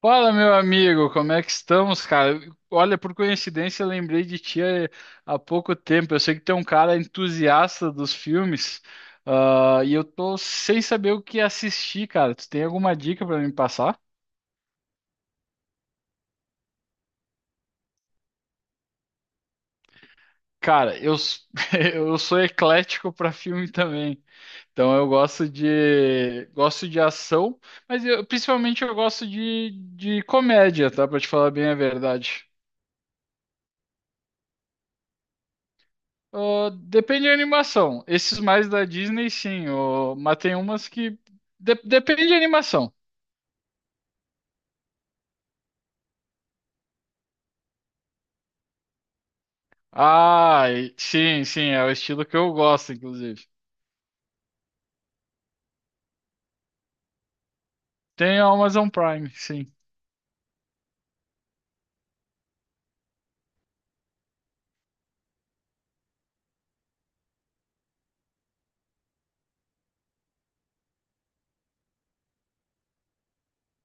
Fala, meu amigo, como é que estamos, cara? Olha, por coincidência, eu lembrei de ti há pouco tempo. Eu sei que tu é um cara entusiasta dos filmes, e eu tô sem saber o que assistir, cara. Tu tem alguma dica pra me passar? Cara, eu sou eclético pra filme também. Então eu gosto de ação, mas principalmente eu gosto de comédia, tá? Pra te falar bem a verdade. Ah, depende da animação. Esses mais da Disney, sim. Ô, mas tem umas que, depende da animação. Ah, sim, sim. É o estilo que eu gosto, inclusive. Tem a Amazon Prime, sim.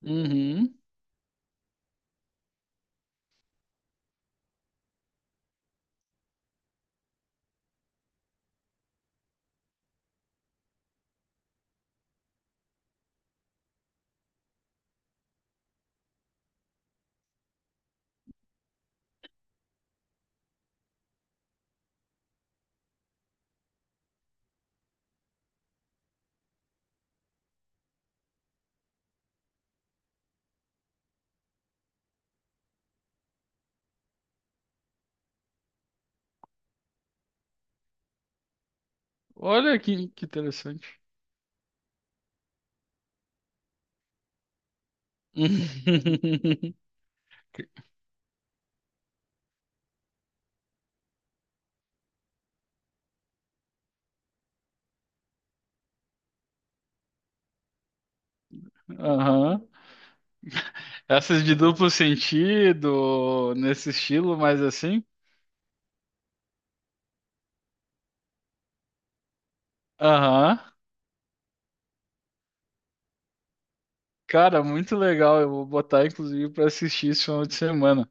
Uhum. Olha que interessante. Aham. Essas de duplo sentido, nesse estilo, mais assim. Aham. Cara, muito legal. Eu vou botar, inclusive, pra assistir esse final de semana.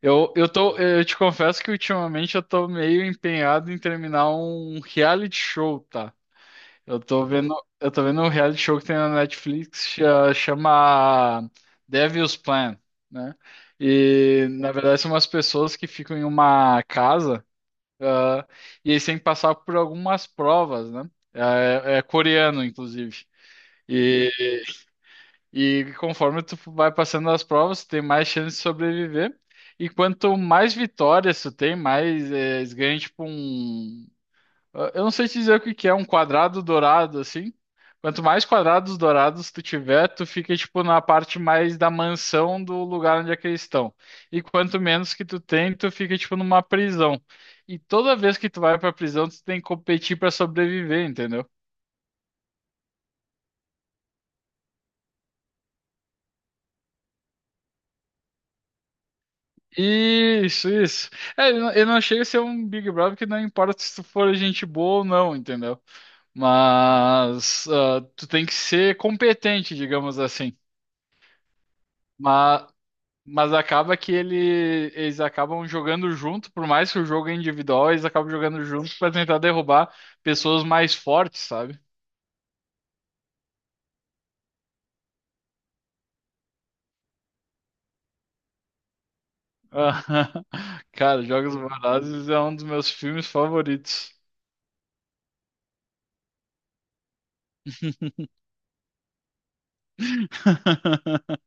Eu te confesso que ultimamente eu tô meio empenhado em terminar um reality show, tá? Eu tô vendo, eu tô vendo um reality show que tem na Netflix, chama Devil's Plan, né? E na verdade são umas pessoas que ficam em uma casa, ah, e eles têm que passar por algumas provas, né? É coreano, inclusive. E conforme tu vai passando as provas, tu tem mais chance de sobreviver. E quanto mais vitórias tu tem, mais eles ganham tipo um. Eu não sei te dizer o que que é, um quadrado dourado, assim. Quanto mais quadrados dourados tu tiver, tu fica tipo na parte mais da mansão do lugar onde é que eles estão. E quanto menos que tu tem, tu fica tipo numa prisão. E toda vez que tu vai pra prisão, tu tem que competir pra sobreviver, entendeu? Isso, isso. É, eu não chega a ser um Big Brother que não importa se tu for gente boa ou não, entendeu? Mas tu tem que ser competente, digamos assim. Mas, mas acaba que eles acabam jogando junto, por mais que o jogo é individual, eles acabam jogando junto pra tentar derrubar pessoas mais fortes, sabe? Cara, Jogos Vorazes é um dos meus filmes favoritos.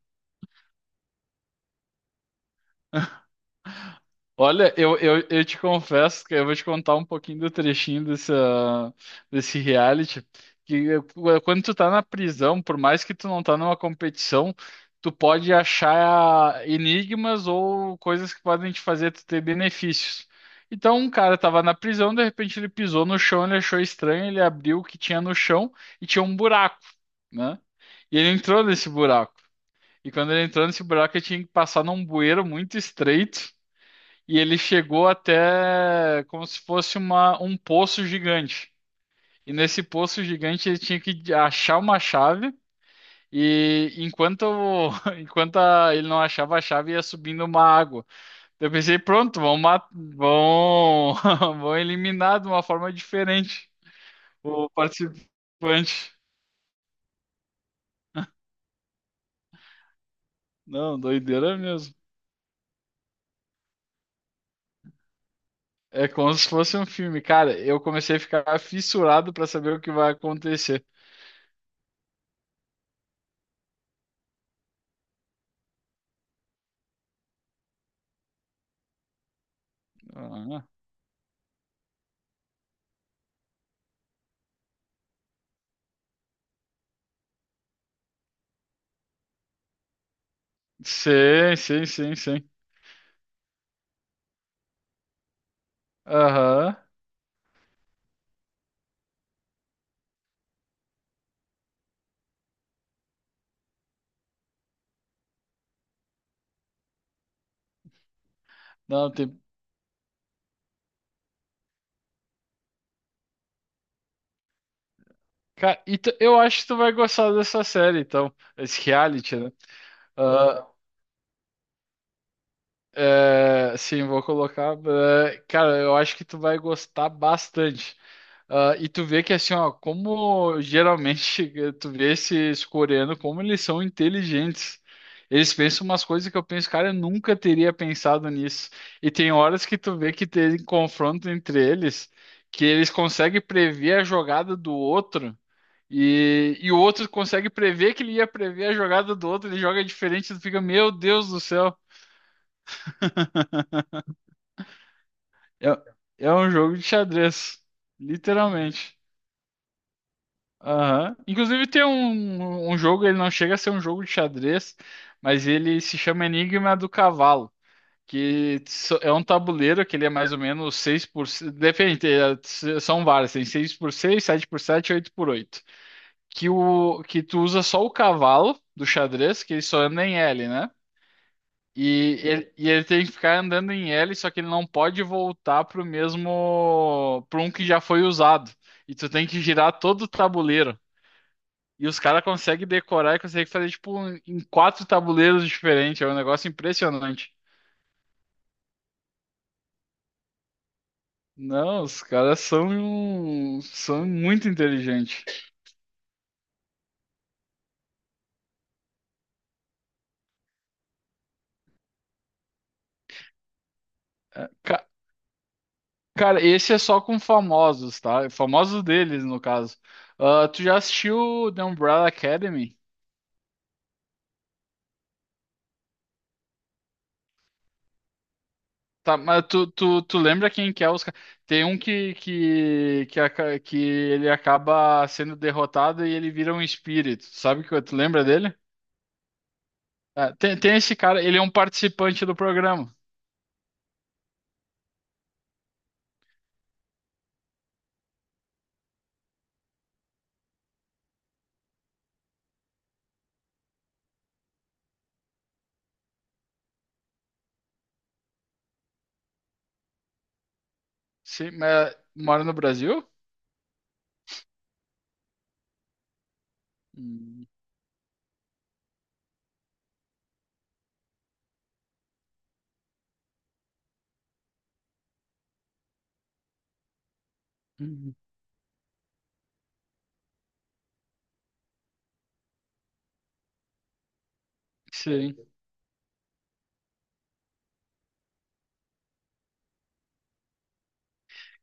Olha, eu te confesso que eu vou te contar um pouquinho do trechinho desse reality, que quando tu tá na prisão, por mais que tu não tá numa competição, tu pode achar enigmas ou coisas que podem te fazer tu ter benefícios. Então, um cara tava na prisão, de repente ele pisou no chão, ele achou estranho, ele abriu o que tinha no chão e tinha um buraco, né? E ele entrou nesse buraco. E quando ele entrou nesse buraco, ele tinha que passar num bueiro muito estreito e ele chegou até como se fosse um poço gigante. E nesse poço gigante ele tinha que achar uma chave. E enquanto, enquanto ele não achava a chave, ia subindo uma água. Eu pensei, pronto, vão eliminar de uma forma diferente o participante. Não, doideira mesmo. É como se fosse um filme. Cara, eu comecei a ficar fissurado para saber o que vai acontecer. Ah, sim, sim, sim, sim. Aham. Não, tem. Cara, eu acho que tu vai gostar dessa série, então. Esse reality, né? Ah, sim, vou colocar. Cara, eu acho que tu vai gostar bastante. Ah, e tu vê que assim, ó, como geralmente tu vê esses coreanos, como eles são inteligentes. Eles pensam umas coisas que eu penso, cara, eu nunca teria pensado nisso. E tem horas que tu vê que tem confronto entre eles, que eles conseguem prever a jogada do outro. E o outro consegue prever que ele ia prever a jogada do outro, ele joga diferente, tu fica, meu Deus do céu. É, é um jogo de xadrez, literalmente. Aham. Inclusive tem um jogo, ele não chega a ser um jogo de xadrez, mas ele se chama Enigma do Cavalo, que é um tabuleiro que ele é mais ou menos 6 por... Depende, são vários, tem 6 por 6, 7 por 7, 8 por oito. Que tu usa só o cavalo do xadrez, que ele só anda em L, né? E ele tem que ficar andando em L, só que ele não pode voltar pro um que já foi usado. E tu tem que girar todo o tabuleiro. E os caras conseguem decorar e conseguem fazer tipo em quatro tabuleiros diferentes. É um negócio impressionante. Não, os caras são muito inteligentes. É, ca- Cara, esse é só com famosos, tá? Famosos deles, no caso. Ah, tu já assistiu The Umbrella Academy? Tá, mas tu lembra quem que é os... Tem um que que ele acaba sendo derrotado e ele vira um espírito. Sabe que tu lembra dele? Ah, tem esse cara, ele é um participante do programa. Sim, mas mora no Brasil? Hum. Uhum. Sim.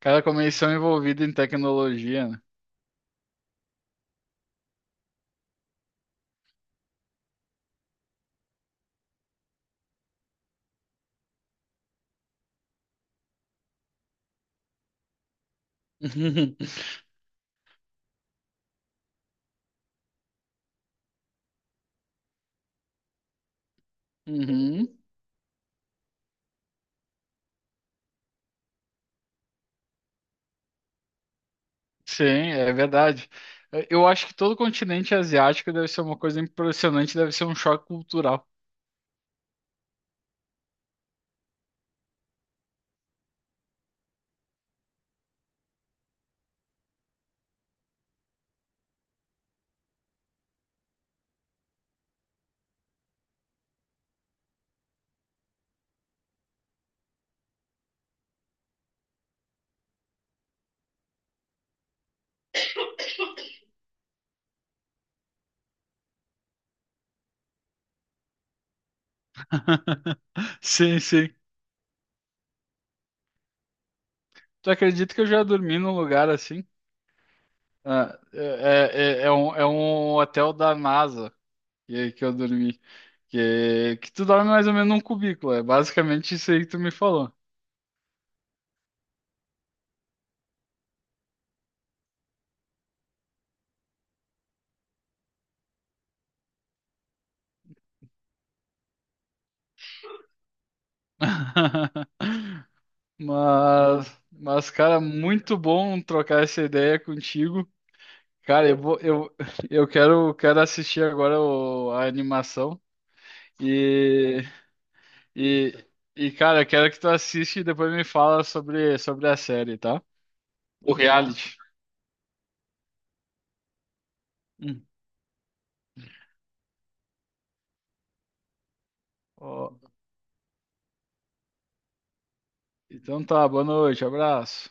Cada comissão envolvida em tecnologia, né? Uhum. Uhum. Sim, é verdade. É, eu acho que todo o continente asiático deve ser uma coisa impressionante, deve ser um choque cultural. Sim, sim. Tu acredita que eu já dormi num lugar assim? Ah, é um hotel da NASA que eu dormi. Que tu dorme mais ou menos num cubículo. É basicamente isso aí que tu me falou. Mas, cara, muito bom trocar essa ideia contigo. Cara, eu quero assistir agora a animação e, e, e cara, eu quero que tu assiste e depois me fala sobre a série, tá? O reality. Hum. Ó, então tá, boa noite, abraço.